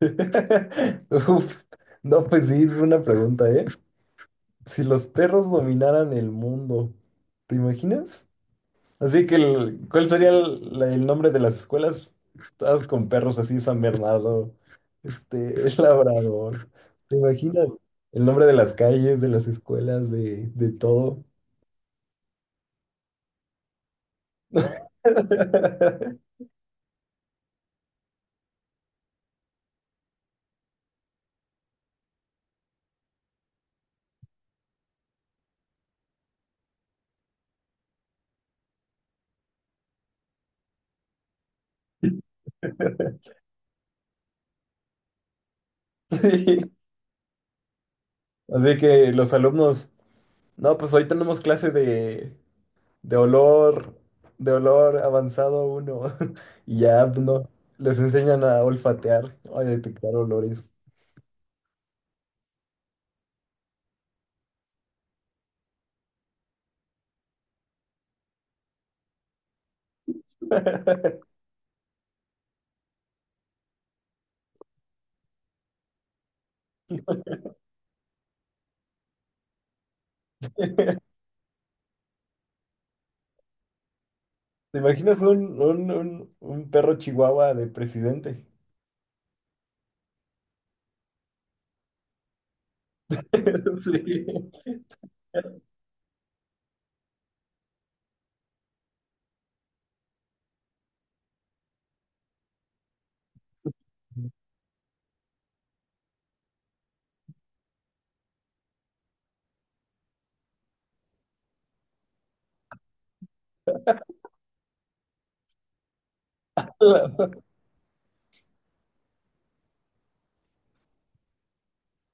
Uf, no, pues sí, es una pregunta, ¿eh? Si los perros dominaran el mundo, ¿te imaginas? Así que, ¿cuál sería el nombre de las escuelas? Todas con perros así, San Bernardo, este, el Labrador. ¿Te imaginas? El nombre de las calles, de las escuelas, de todo. Sí. Así que los alumnos, no, pues hoy tenemos clases de olor, de olor avanzado uno. Y ya, pues, no, les enseñan a olfatear, a detectar olores. ¿Te imaginas un perro chihuahua de presidente? Sí.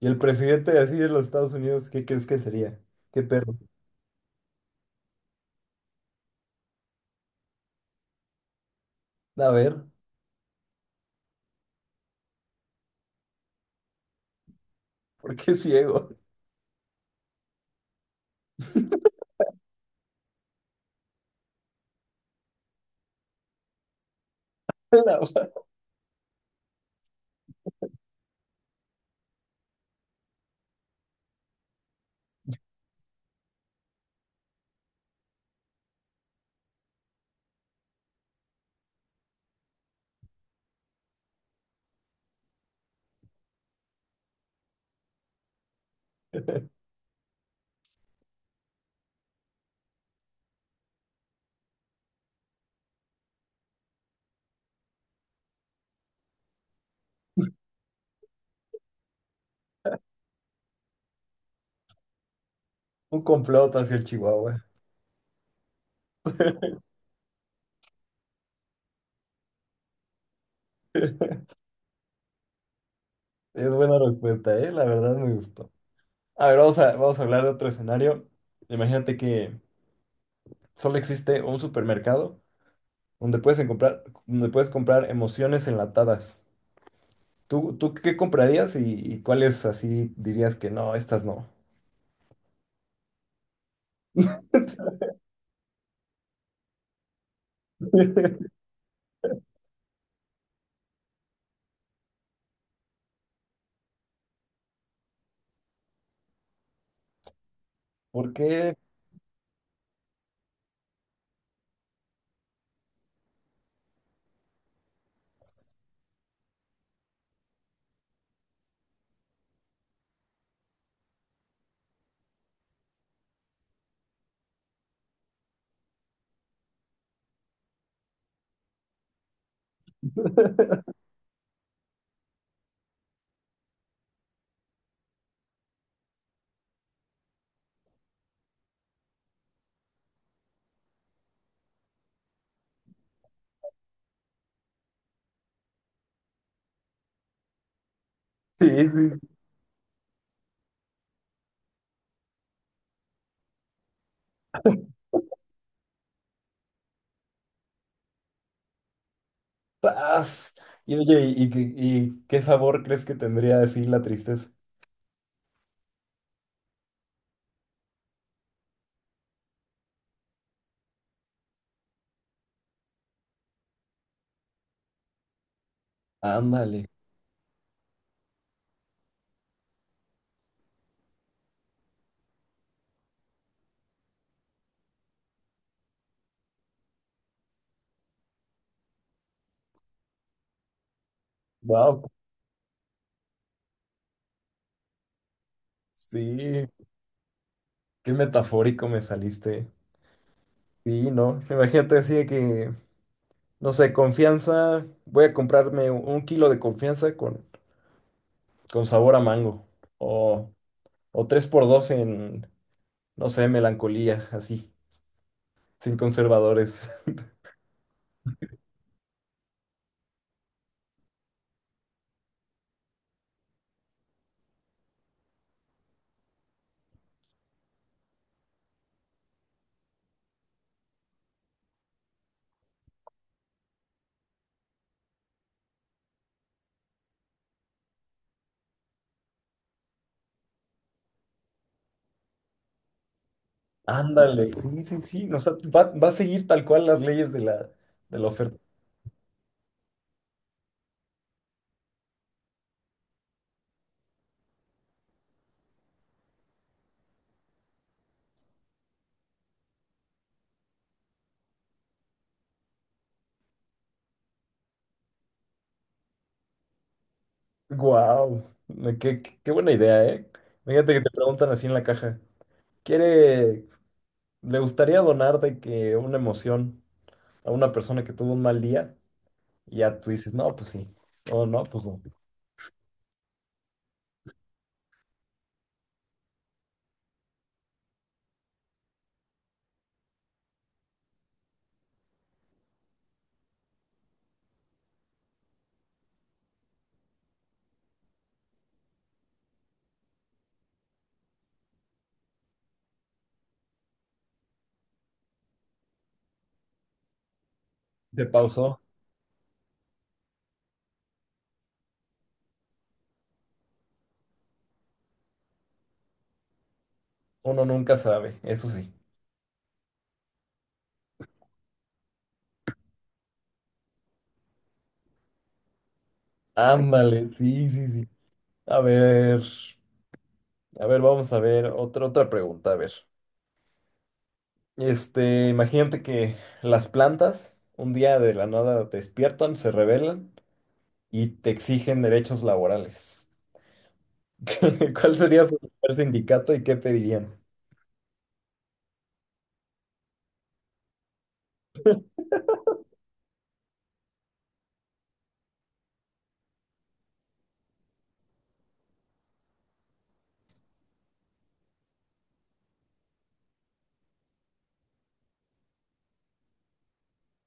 Y el presidente así de los Estados Unidos, ¿qué crees que sería? ¿Qué perro? A ver, ¿por qué ciego? La madre. Un complot hacia el Chihuahua. Es buena respuesta, ¿eh? La verdad me gustó. A ver, vamos a hablar de otro escenario. Imagínate que solo existe un supermercado donde puedes comprar emociones enlatadas. ¿Tú qué comprarías y cuáles así dirías que no, estas no? ¿Por qué? Sí, sí. ¡Paz! Y oye, ¿y qué sabor crees que tendría así la tristeza? Ándale. Wow. Sí, qué metafórico me saliste. Sí, no. Imagínate así de que, no sé, confianza. Voy a comprarme un kilo de confianza con sabor a mango. O O tres por dos en, no sé, melancolía, así, sin conservadores. Ándale, sí, sí, sí. No, o sea, va a seguir tal cual las leyes de la oferta. Wow, qué buena idea, ¿eh? Fíjate que te preguntan así en la caja. ¿Quiere, le gustaría donar de que una emoción a una persona que tuvo un mal día? Y ya tú dices, no, pues sí. O no, pues no. Se pausó. Uno nunca sabe, eso sí. Ándale, sí, sí, sí. A ver. A ver, vamos a ver otra pregunta. A ver, imagínate que las plantas un día de la nada despiertan, se rebelan y te exigen derechos laborales. ¿Cuál sería su primer sindicato y qué pedirían?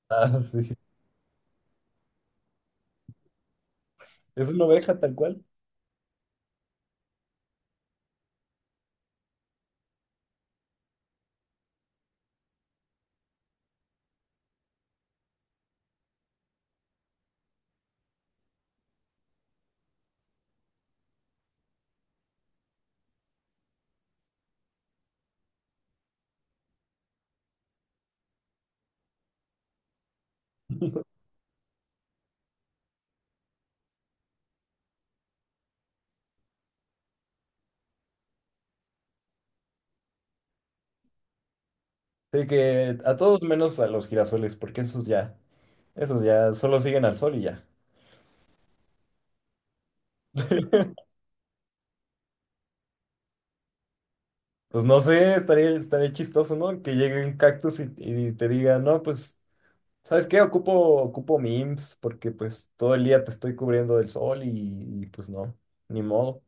Ah, sí. Es una oveja tal cual. Sí, que a todos menos a los girasoles, porque esos ya solo siguen al sol y ya. Pues no sé, estaría chistoso, ¿no? Que llegue un cactus y te diga, no, pues. ¿Sabes qué? Ocupo mi IMSS porque pues todo el día te estoy cubriendo del sol y, pues no, ni modo.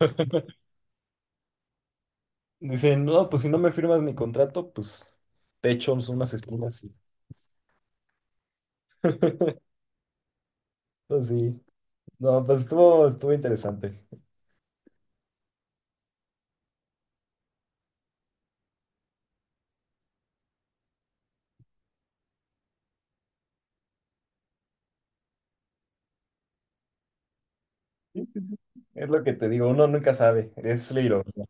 Dicen, no, pues si no me firmas mi contrato, pues te echo unas espinas. Pues sí, no, pues estuvo interesante. Sí, sí, sí. Es lo que te digo, uno nunca sabe, es la ironía.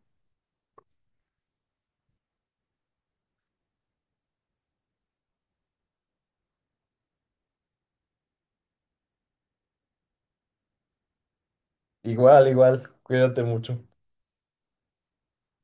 Igual, igual, cuídate mucho.